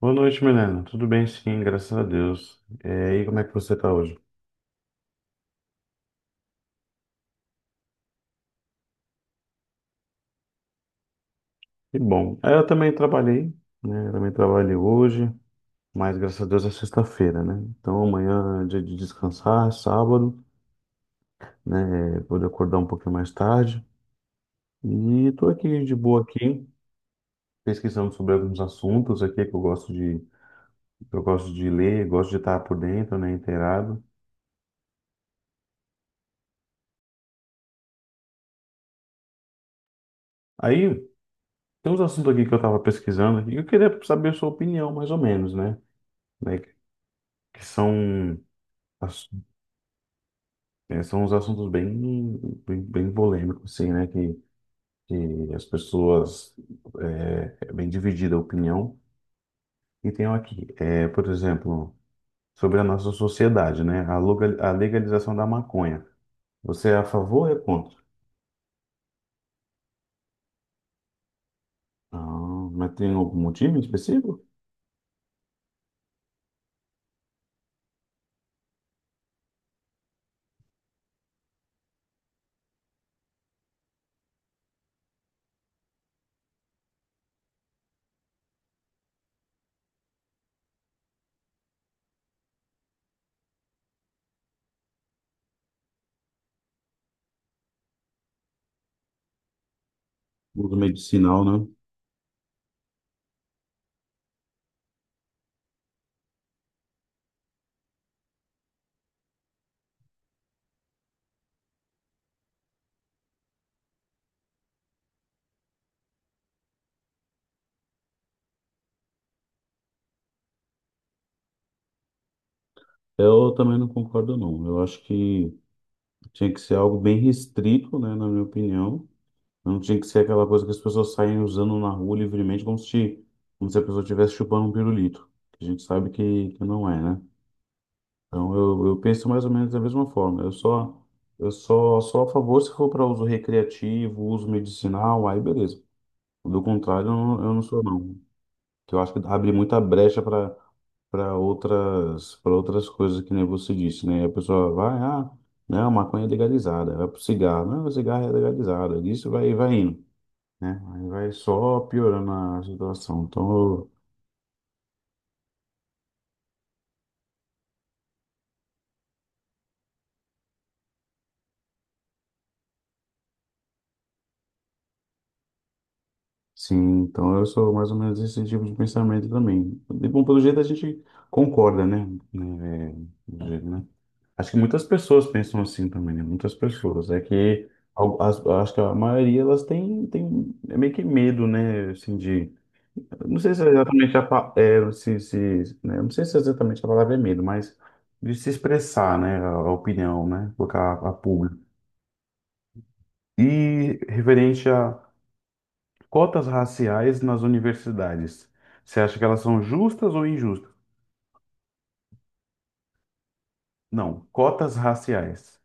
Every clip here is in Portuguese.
Boa noite, Milena. Tudo bem, sim, graças a Deus. É, e como é que você está hoje? Que bom. Eu também trabalhei, né? Eu também trabalhei hoje, mas graças a Deus é sexta-feira, né? Então amanhã é dia de descansar, é sábado, né? Vou acordar um pouquinho mais tarde. E tô aqui de boa aqui, pesquisando sobre alguns assuntos aqui que eu gosto de ler, gosto de estar por dentro, né? Inteirado. Aí tem uns assuntos aqui que eu estava pesquisando e eu queria saber a sua opinião, mais ou menos, né? Né, que são Ass- são uns assuntos bem, bem, bem polêmicos, assim, né? Que as pessoas. É bem dividida a opinião. E tem aqui, por exemplo, sobre a nossa sociedade, né? A legalização da maconha. Você é a favor ou é contra? Ah, mas tem algum motivo específico? Uso medicinal, né? Eu também não concordo, não. Eu acho que tinha que ser algo bem restrito, né? Na minha opinião. Não tinha que ser aquela coisa que as pessoas saem usando na rua livremente, como se a pessoa estivesse chupando um pirulito, que a gente sabe que não é, né? Então eu penso mais ou menos da mesma forma. Só a favor se for para uso recreativo, uso medicinal, aí beleza. Do contrário, eu não sou não. Que eu acho que abre muita brecha para outras coisas que nem você disse, né? A pessoa vai, não, maconha é legalizada, vai pro cigarro, não, o cigarro é legalizado, isso vai indo, né? Aí vai só piorando a situação. Então, sim, então eu sou mais ou menos esse tipo de pensamento também. E, bom, pelo jeito a gente concorda, né? Né, do jeito, né? Acho que muitas pessoas pensam assim também, né? Muitas pessoas. É que acho que a maioria elas têm é meio que medo, né? Assim, de. Não sei se é exatamente a, pa- é, se, né? Não sei se é exatamente a palavra é medo, mas de se expressar, né? A opinião, né? Colocar a público. E referente a cotas raciais nas universidades. Você acha que elas são justas ou injustas? Não, cotas raciais.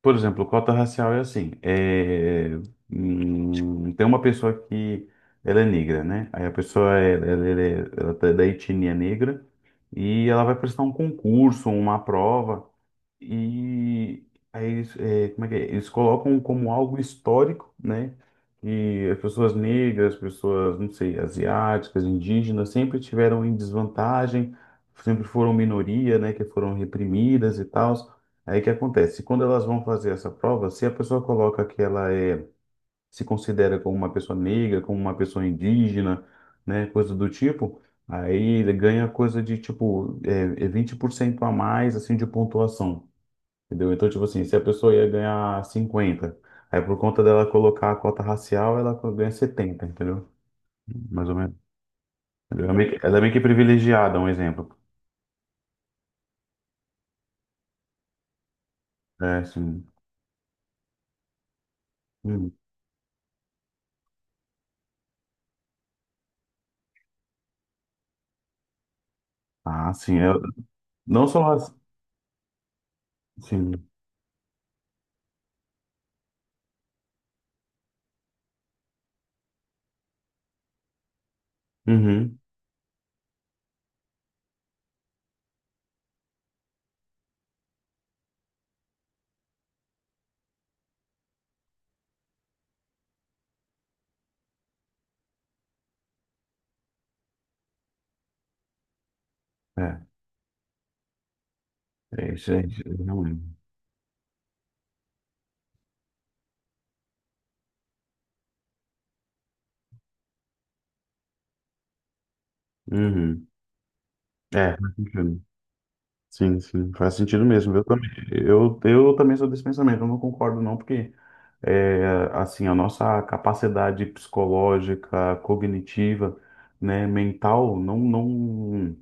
Por exemplo, cota racial é assim: tem uma pessoa que ela é negra, né? Aí a pessoa é, ela é ela tá da etnia negra e ela vai prestar um concurso, uma prova. E aí eles, como é que é? Eles colocam como algo histórico, né? Que as pessoas negras, pessoas, não sei, asiáticas, indígenas, sempre tiveram em desvantagem, sempre foram minoria, né? Que foram reprimidas e tal. Aí o que acontece? Quando elas vão fazer essa prova, se a pessoa coloca que ela é, se considera como uma pessoa negra, como uma pessoa indígena, né? Coisa do tipo. Aí ele ganha coisa de tipo por cento a mais assim de pontuação. Entendeu? Então, tipo assim, se a pessoa ia ganhar 50, aí por conta dela colocar a cota racial, ela ganha 70, entendeu? Mais ou menos. Entendeu? Ela é meio que privilegiada, um exemplo. É, sim. Hum. Ah, sim. Eu, não só. Sim. Uhum. É. É isso aí. Isso aí, realmente. Uhum. É. Faz sentido. Sim, sim, faz sentido mesmo. Eu também sou desse pensamento, eu não concordo não, porque assim, a nossa capacidade psicológica, cognitiva, né, mental, não, não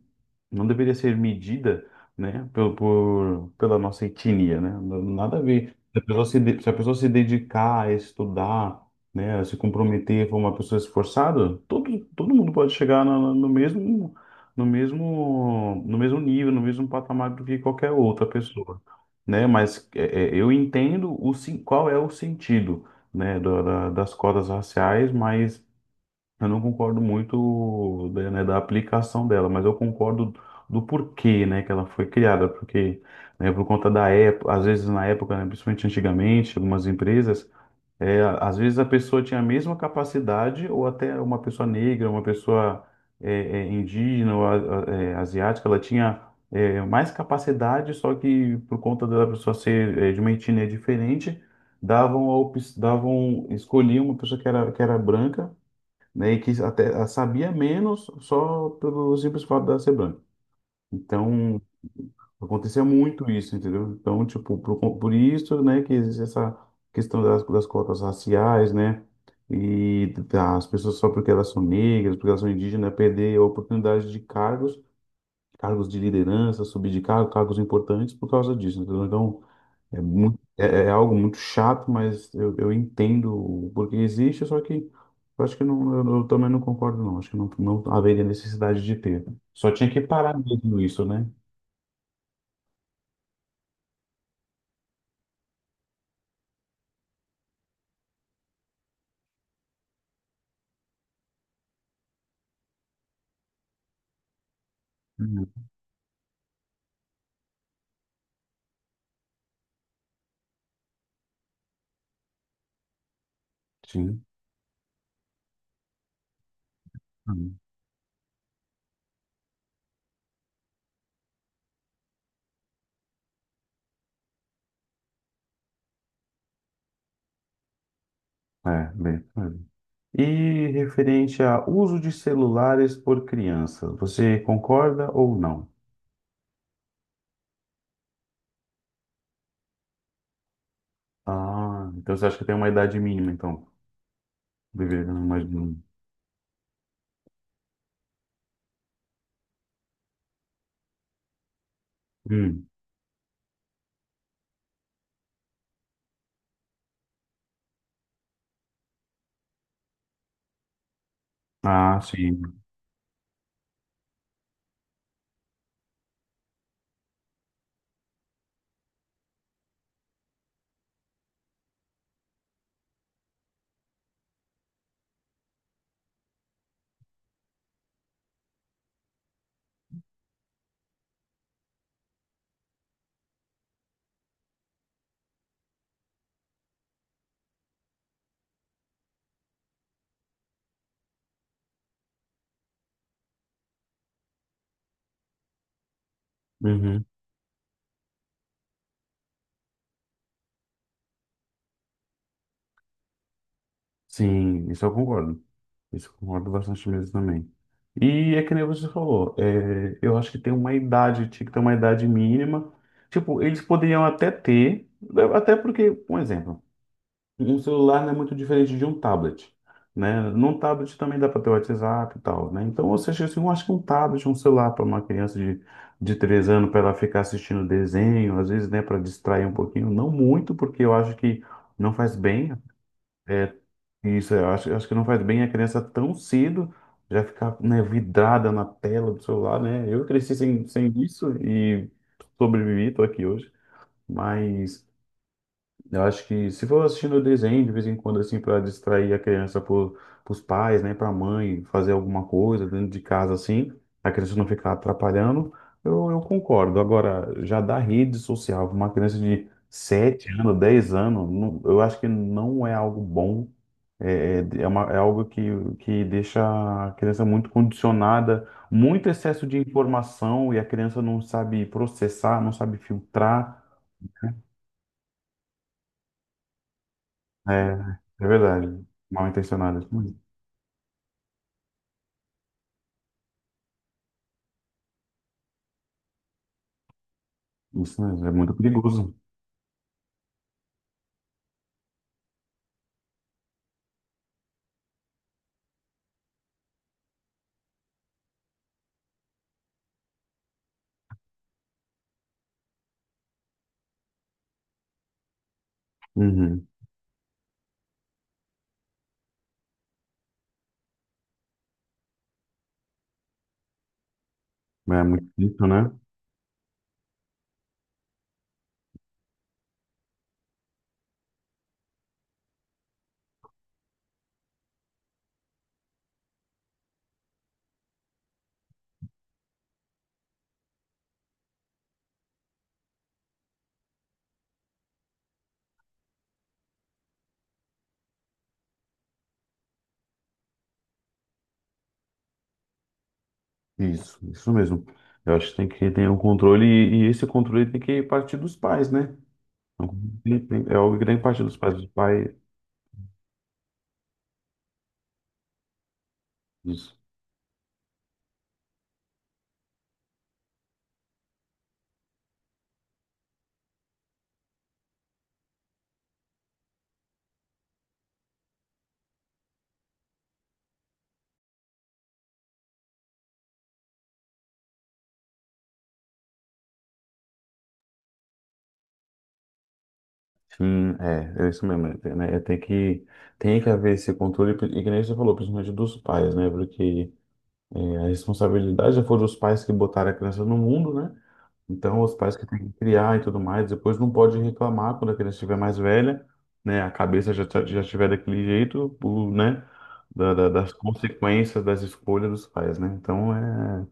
não deveria ser medida, né, pela nossa etnia, né? Nada a ver. Se a pessoa se dedicar a estudar, né, a se comprometer, for uma pessoa esforçada, todo mundo pode chegar no mesmo nível, no mesmo patamar do que qualquer outra pessoa, né? Mas eu entendo o qual é o sentido, né, das cotas raciais, mas eu não concordo muito da, né, da aplicação dela, mas eu concordo do porquê, né, que ela foi criada, porque, né, por conta da época, às vezes na época, né, principalmente antigamente, algumas empresas, às vezes a pessoa tinha a mesma capacidade, ou até uma pessoa negra, uma pessoa indígena, ou asiática, ela tinha mais capacidade, só que por conta da pessoa ser de uma etnia diferente, davam, a op- davam, escolhiam uma pessoa que era branca, né? E que até sabia menos só pelo simples fato de ela ser branca. Então, acontecia muito isso, entendeu? Então, tipo, por isso, né, que existe essa questão das cotas raciais, né? E das pessoas só porque elas são negras, porque elas são indígenas, perder a oportunidade de cargos, cargos de liderança, subir de cargo, cargos importantes por causa disso, entendeu? Então, é, muito, é, é algo muito chato, mas eu entendo o porquê existe, só que eu acho que não, eu também não concordo, não. Acho que não haveria necessidade de ter. Só tinha que parar mesmo isso, né? Hum, sim. Hum. É, bem. E referente a uso de celulares por crianças, você concorda ou não? Ah, então você acha que tem uma idade mínima, então? Deveria, não, mas não. Hum. Ah, sim. Sim, isso eu concordo. Isso eu concordo bastante mesmo também. E é que nem você falou, eu acho que tem tinha que ter uma idade mínima. Tipo, eles poderiam até ter, até porque, um exemplo, um celular não é muito diferente de um tablet, né? Num tablet também dá para ter WhatsApp e tal, né? Então, ou seja, assim, eu acho que um tablet, um celular para uma criança de 3 anos, para ela ficar assistindo desenho, às vezes, né, para distrair um pouquinho, não muito, porque eu acho que não faz bem é, isso, eu acho que não faz bem a criança tão cedo já ficar, né, vidrada na tela do celular, né? Eu cresci sem isso e sobrevivi, tô aqui hoje. Mas eu acho que se for assistindo desenho de vez em quando, assim, para distrair a criança pros pais, né, pra mãe, fazer alguma coisa dentro de casa, assim, a criança não ficar atrapalhando, eu concordo. Agora, já da rede social, uma criança de 7 anos, 10 anos, eu acho que não é algo bom, algo que deixa a criança muito condicionada, muito excesso de informação e a criança não sabe processar, não sabe filtrar. É, é verdade. Mal intencionado. Isso mesmo, isso mesmo, é muito perigoso. Uhum. É muito difícil, né? Isso mesmo. Eu acho que tem que ter um controle e esse controle tem que partir dos pais, né? É algo que tem que partir dos pais. Dos pais. Isso. Sim, é isso mesmo. É, tem, né? É, tem que haver esse controle, e que nem você falou, principalmente dos pais, né? Porque a responsabilidade já foi dos pais que botaram a criança no mundo, né? Então, os pais que têm que criar e tudo mais, depois não pode reclamar quando a criança estiver mais velha, né? A cabeça já estiver daquele jeito, o, né? Das consequências das escolhas dos pais, né? Então, é,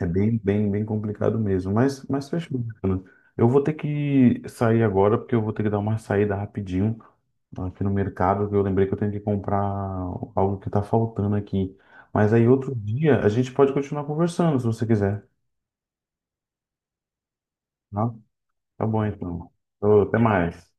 é bem, bem, bem complicado mesmo. Mas fechou, bacana. Eu vou ter que sair agora, porque eu vou ter que dar uma saída rapidinho aqui no mercado, que eu lembrei que eu tenho que comprar algo que tá faltando aqui. Mas aí, outro dia, a gente pode continuar conversando, se você quiser. Tá? Tá bom, então. Ô, até mais.